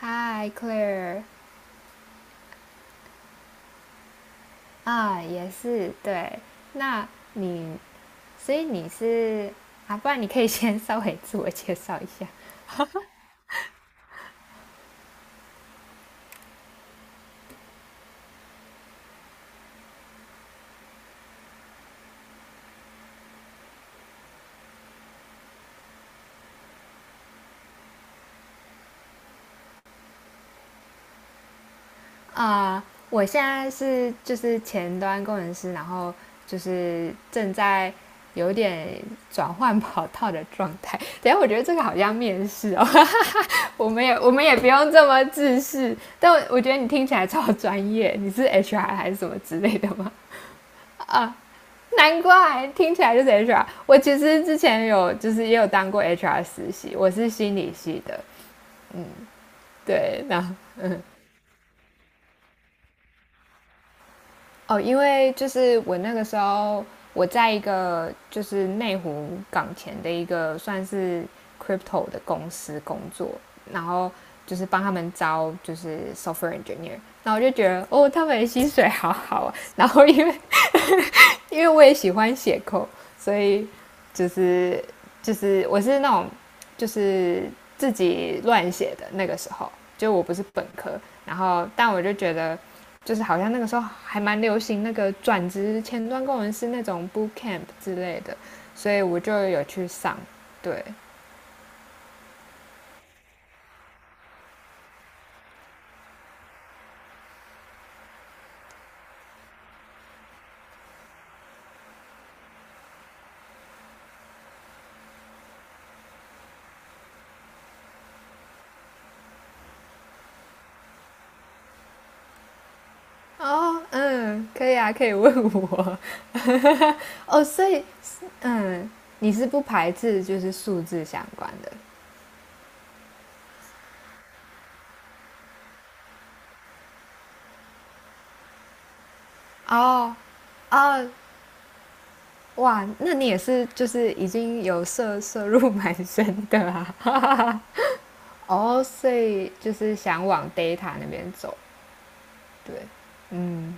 Hi Claire。也是对。那你，所以你是啊，不然你可以 先稍微自我介绍一下啊。我现在是就是前端工程师，然后就是正在有点转换跑道的状态。等一下我觉得这个好像面试哦，我们也不用这么自视，但我觉得你听起来超专业，你是 HR 还是什么之类的吗？啊，难怪听起来就是 HR。我其实之前有就是也有当过 HR 实习，我是心理系的。对，然后哦，因为就是我那个时候我在一个就是内湖港前的一个算是 crypto 的公司工作，然后就是帮他们招就是 software engineer,然后我就觉得哦，他们的薪水好好啊。然后因为我也喜欢写扣，所以就是就是我是那种就是自己乱写的那个时候，就我不是本科，然后但我就觉得就是好像那个时候还蛮流行那个转职前端工程师那种 boot camp 之类的，所以我就有去上，对。哦，嗯，可以啊，可以问我 哦，所以，嗯，你是不排斥就是数字相关的？哦，哦，哇，那你也是就是已经有涉入蛮深的啊。哦，所以就是想往 data 那边走，对，嗯，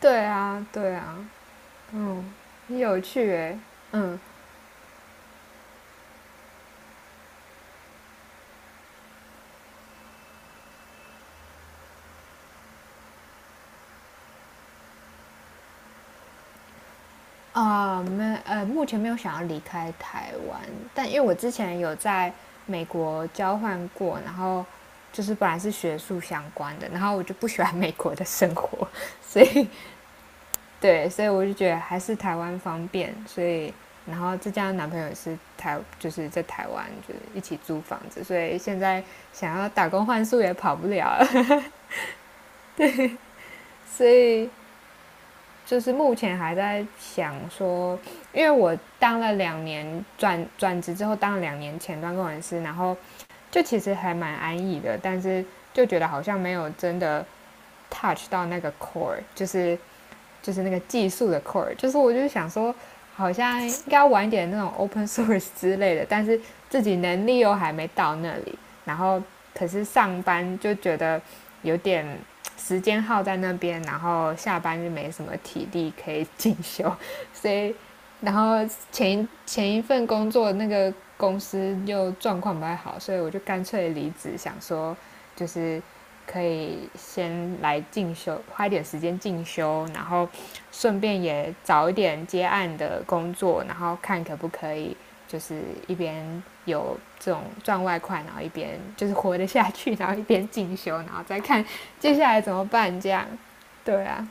对啊，对啊，很有趣诶，嗯啊，没呃，目前没有想要离开台湾，但因为我之前有在美国交换过，然后就是本来是学术相关的，然后我就不喜欢美国的生活，所以对，所以我就觉得还是台湾方便，所以然后这家男朋友也是台，就是在台湾就是一起租房子，所以现在想要打工换宿也跑不了了 所以就是目前还在想说，因为我当了两年转职之后当了两年前端工程师，然后就其实还蛮安逸的，但是就觉得好像没有真的 touch 到那个 core,就是那个技术的 core,就是我就想说，好像应该玩一点那种 open source 之类的，但是自己能力又还没到那里，然后可是上班就觉得有点时间耗在那边，然后下班就没什么体力可以进修，所以然后前前一份工作那个公司又状况不太好，所以我就干脆离职，想说就是。可以先来进修，花一点时间进修，然后顺便也找一点接案的工作，然后看可不可以就是一边有这种赚外快，然后一边就是活得下去，然后一边进修，然后再看接下来怎么办这样。对啊，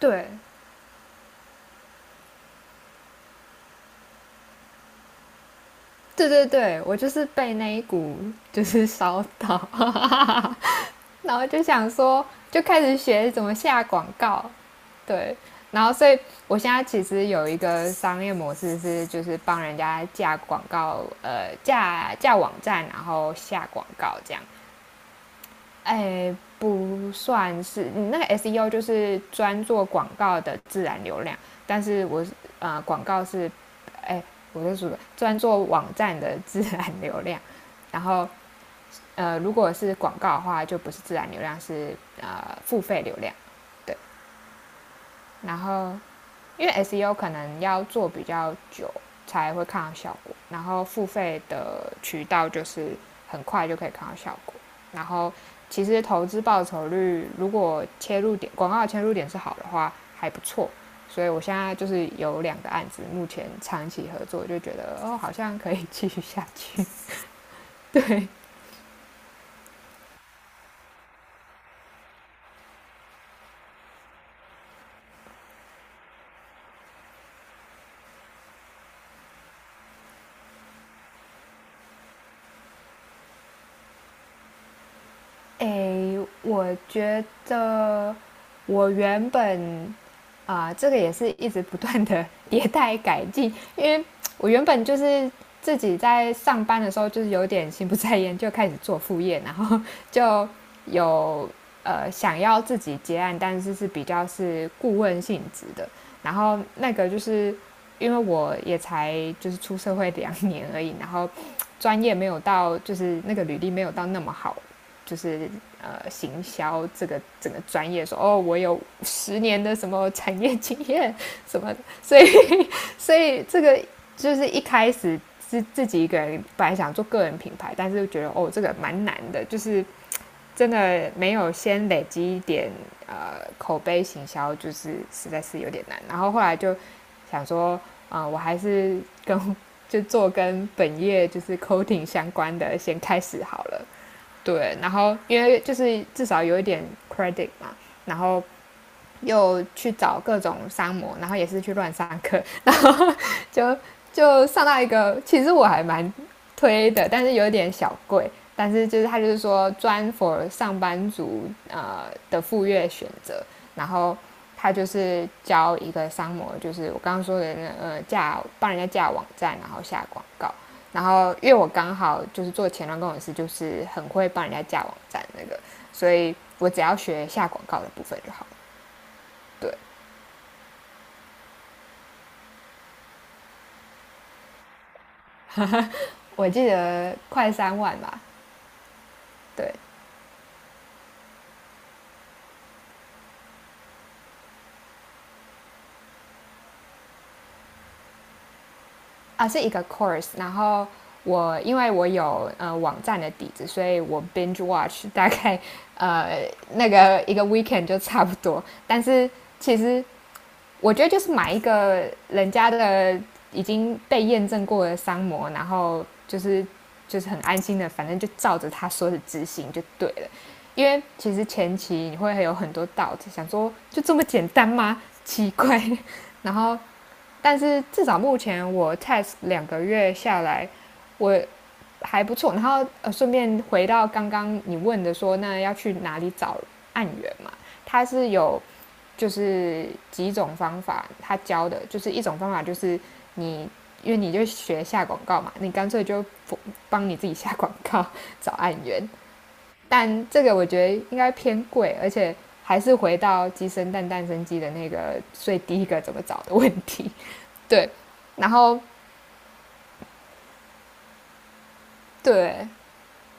对。对对对，我就是被那一股就是烧到，然后就想说，就开始学怎么下广告，对，然后所以我现在其实有一个商业模式是，就是帮人家架广告，架网站，然后下广告这样。哎，不算是你那个 SEO 就是专做广告的自然流量，但是我广告是，哎，我是说专做网站的自然流量，然后如果是广告的话，就不是自然流量，是付费流量。对，然后因为 SEO 可能要做比较久才会看到效果，然后付费的渠道就是很快就可以看到效果。然后其实投资报酬率如果切入点广告的切入点是好的话，还不错。所以我现在就是有两个案子，目前长期合作，就觉得哦，好像可以继续下去。对，诶，我觉得我原本啊、这个也是一直不断的 迭代改进，因为我原本就是自己在上班的时候就是有点心不在焉，就开始做副业，然后就有想要自己接案，但是是比较是顾问性质的，然后那个就是因为我也才就是出社会两年而已，然后专业没有到，就是那个履历没有到那么好，就是行销这个整个专业说哦，我有10年的什么产业经验什么的，所以这个就是一开始是自己一个人本来想做个人品牌，但是觉得哦这个蛮难的，就是真的没有先累积一点口碑行销，就是实在是有点难。然后后来就想说，啊、我还是跟 就做跟本业就是 coding 相关的先开始好了。对，然后因为就是至少有一点 credit 嘛，然后又去找各种商模，然后也是去乱上课，然后就就上到一个，其实我还蛮推的，但是有点小贵。但是就是他就是说专 for 上班族的赴约选择，然后他就是教一个商模，就是我刚刚说的那帮人家架网站，然后下广告。然后因为我刚好就是做前端工程师，就是很会帮人家架网站那个，所以我只要学下广告的部分就好了。对，我记得快3万吧，对啊，是一个 course,然后我因为我有网站的底子，所以我 binge watch 大概呃那个一个 weekend 就差不多，但是其实我觉得就是买一个人家的已经被验证过的商模，然后就是很安心的，反正就照着他说的执行就对了。因为其实前期你会有很多 doubt,想说就这么简单吗？奇怪。然后但是至少目前我 test 2个月下来，我还不错。然后顺便回到刚刚你问的说，那要去哪里找案源嘛？它是有就是几种方法，他教的就是一种方法就是你因为你就学下广告嘛，你干脆就帮你自己下广告找案源。但这个我觉得应该偏贵，而且还是回到鸡生蛋，蛋生鸡的那个最第一个怎么找的问题。对，然后对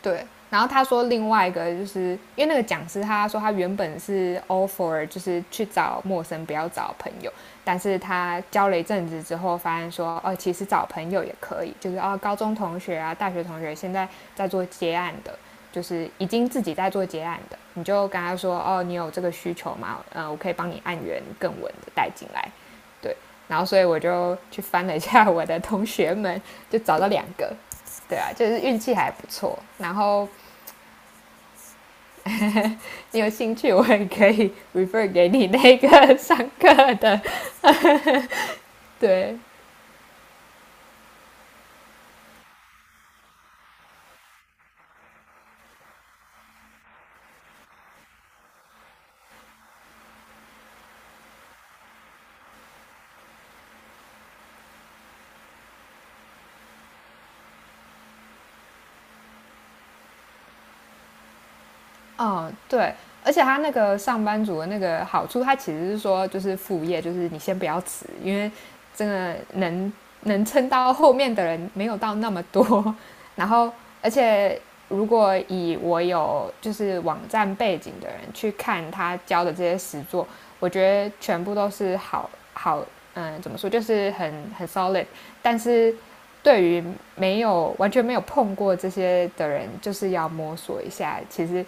对，然后他说另外一个就是因为那个讲师他说他原本是 offer 就是去找陌生不要找朋友，但是他教了一阵子之后发现说哦其实找朋友也可以，就是哦高中同学啊大学同学现在在做接案的，就是已经自己在做接案的，你就跟他说哦你有这个需求吗？嗯我可以帮你按源更稳的带进来，对，然后所以我就去翻了一下我的同学们，就找到两个，对啊，就是运气还不错。然后你有兴趣，我也可以 refer 给你那个上课的。对，哦，对，而且他那个上班族的那个好处，他其实是说就是副业，就是你先不要辞，因为真的能撑到后面的人没有到那么多。然后，而且如果以我有就是网站背景的人去看他教的这些实作，我觉得全部都是好好，嗯，怎么说，就是很 solid,但是。对于没有完全没有碰过这些的人，就是要摸索一下。其实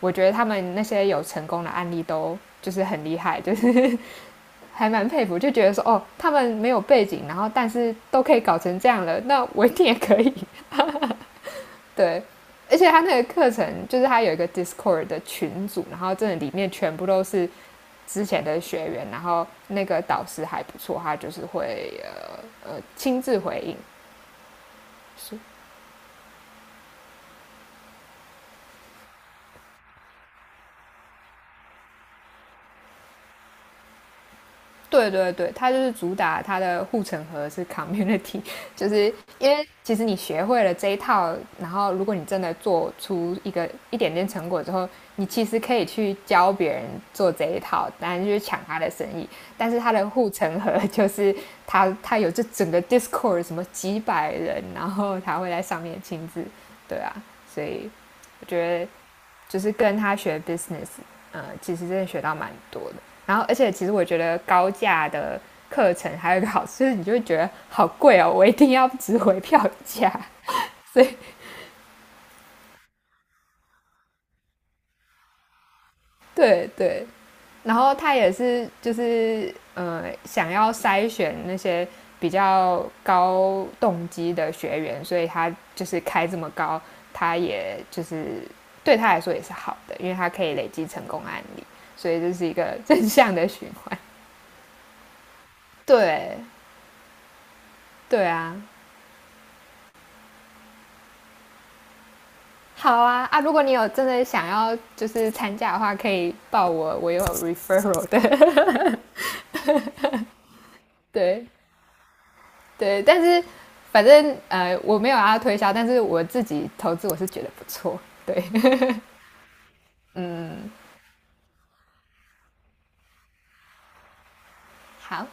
我觉得他们那些有成功的案例都就是很厉害，就是还蛮佩服，就觉得说哦，他们没有背景，然后但是都可以搞成这样了，那我一定也可以。对，而且他那个课程就是他有一个 Discord 的群组，然后真的里面全部都是之前的学员，然后那个导师还不错，他就是会亲自回应。对对对，它就是主打它的护城河是 community,就是因为其实你学会了这一套，然后如果你真的做出一个一点点成果之后，你其实可以去教别人做这一套，当然就是抢他的生意。但是他的护城河 就是他有这整个 Discord 什么几百人，然后他会在上面亲自，对啊，所以我觉得就是跟他学 business,其实真的学到蛮多的。然后，而且其实我觉得高价的课程还有一个好处，就是你就会觉得好贵哦，我一定要值回票价。所以，对对。然后他也是就是想要筛选那些比较高动机的学员，所以他就是开这么高，他也就是对他来说也是好的，因为他可以累积成功案例，所以这是一个 正向的循环。对对啊，好啊啊！如果你有真的想要就是参加的话，可以报我，我有 referral 的。对对，但是反正我没有要推销，但是我自己投资我是觉得不错。对，好，